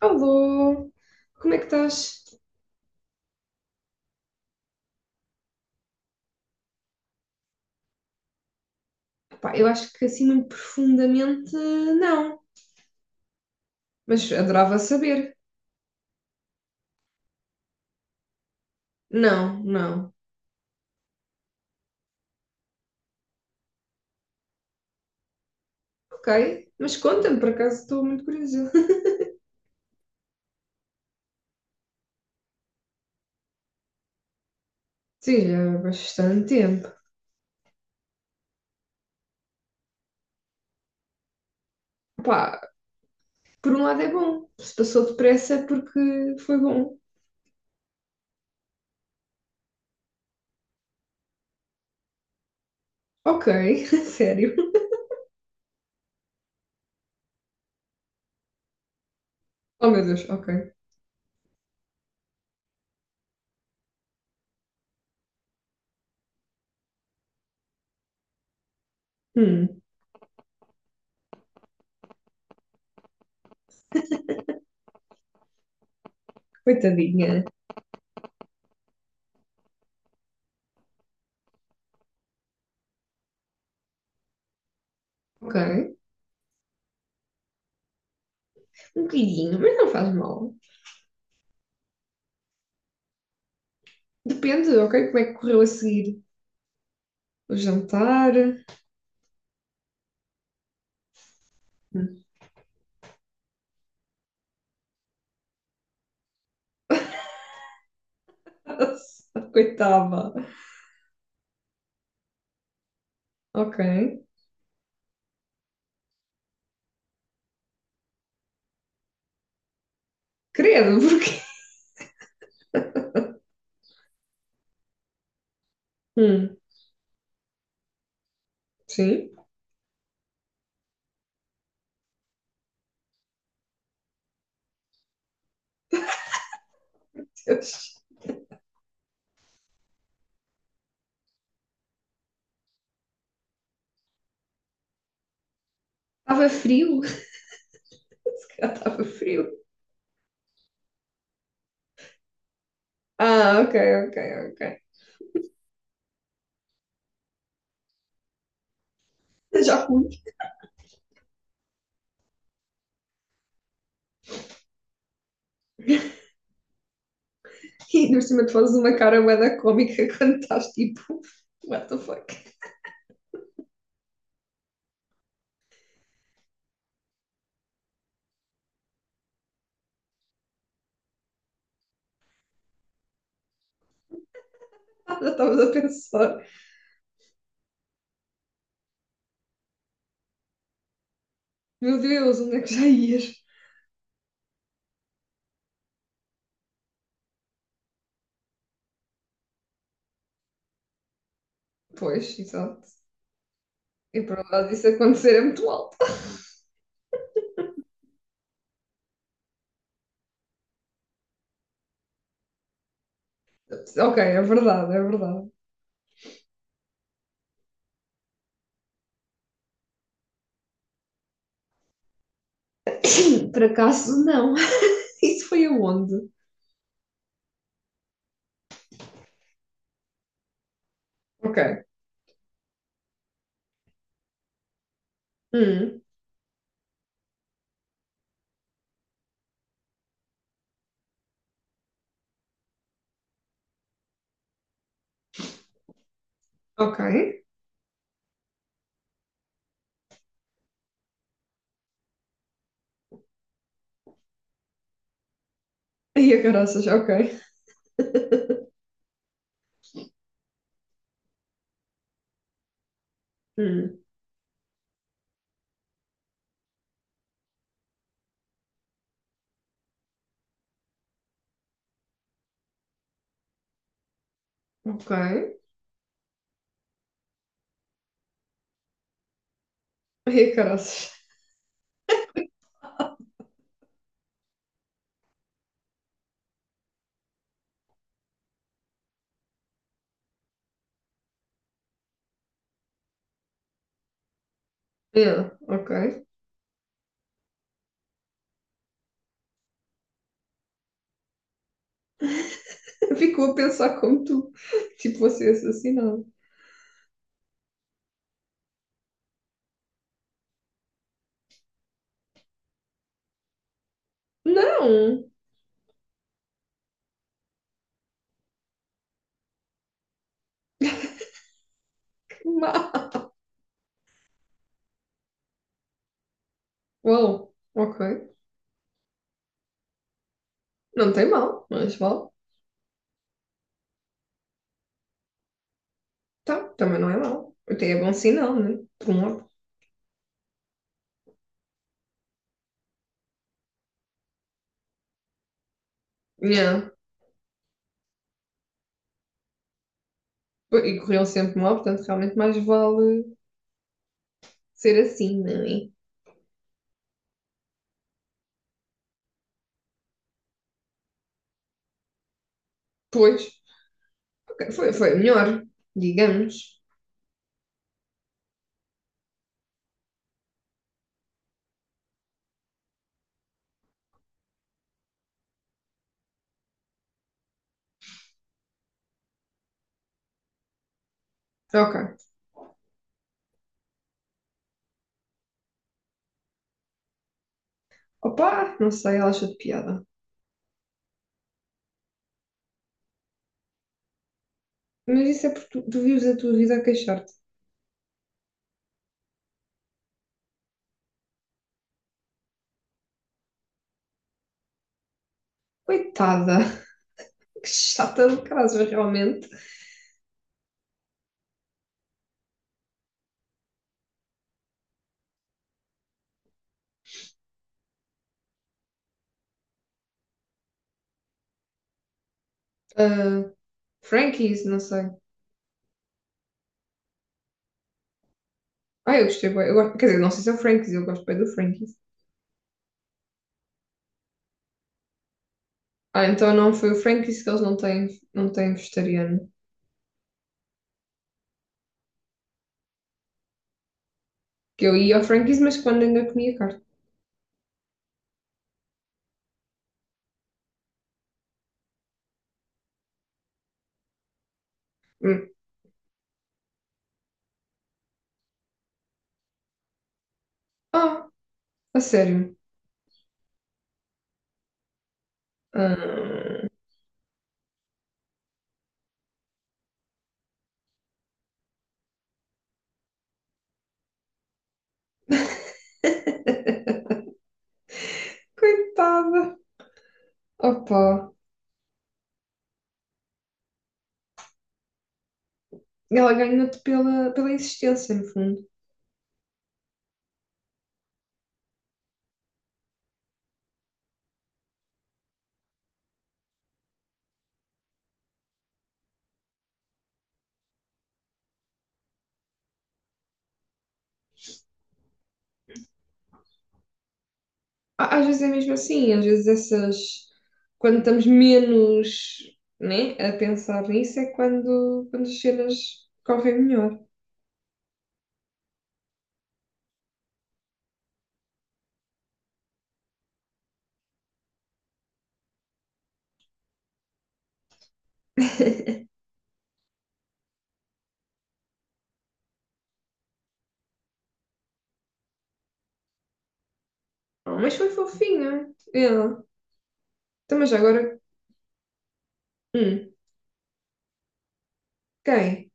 Alô, como é que estás? Epá, eu acho que assim muito profundamente não, mas adorava saber. Não, não. Ok, mas conta-me, por acaso estou muito curiosa. Sim, já há bastante tempo. Epá, por um lado é bom, se passou depressa é porque foi bom. Ok, sério. Oh meu Deus, ok. Hum, coitadinha. Ok, um bocadinho, mas não faz mal. Depende, ok, como é que correu a seguir? O jantar. Nossa, coitada. Ok. Credo, porque. Hum, sim. Estava frio. Se calhar estava frio. Ah, ok, ok, ok. Já fui. E no por cima tu fazes uma cara bué da cómica quando estás tipo. What the fuck? Nada estavas a pensar. Meu Deus, onde é que já ias? Pois, exato. E para um lado isso acontecer é muito alto. Ok, é verdade, é verdade. Por acaso, não. Isso foi aonde? Ok. Hum, ok. E a caraças, ok. Hum. Ok. Ai, caraças. Yeah, ok. Ficou a pensar como tu, tipo, fosse assassinado. Não! Que mal! Uau, ok. Não tem mal, mas vale. Tá, também não é mal. Até é bom sinal, né? Por um lado. Yeah. E corriam sempre mal, portanto, realmente mais vale ser assim, não é? Pois. Ok, foi, foi melhor, digamos. Ok. Opa, não sei, ela achou de piada. Mas isso é porque tu vives a tua vida a queixar-te. Coitada! Que chata do caralho, realmente. Ah, Frankies, não sei. Ah, eu gostei bem. Eu gosto, quer dizer, não sei se é o Frankies, eu gosto bem do Frankies. Ah, então não foi o Frankies que eles não têm, não têm vegetariano. Que eu ia ao Frankies, mas quando ainda comia carne. Hum. Ah, a sério. Ah. Coitada. Opa. Ela ganhou-te pela, pela existência, no fundo. Á- às vezes é mesmo assim, às vezes essas, quando estamos menos, né, a pensar nisso é quando, quando as cenas correm melhor. Oh, mas foi fofinha, ela. Então, mas agora, hum, quem?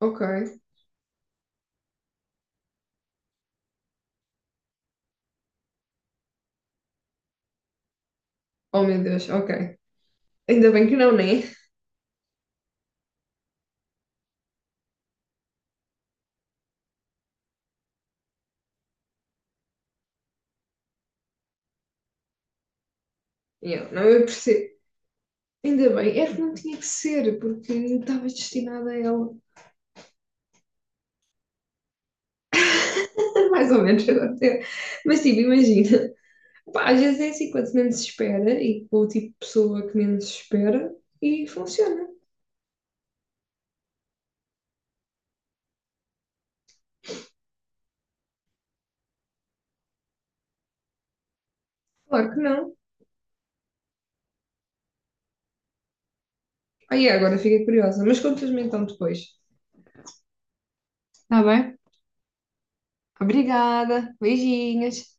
Ok. Oh meu Deus, ok. Ainda bem que não, né? E eu, não, eu percebo. Ainda bem, é que não tinha que ser, porque eu estava destinada a ela. Mais ou menos, agora. Até- mas tipo, imagina. Pá, às vezes é assim, quanto menos se espera e com o tipo de pessoa que menos se espera e funciona. Claro que não. Aí agora fiquei curiosa, mas contas-me então depois. Tá bem? Obrigada. Beijinhos.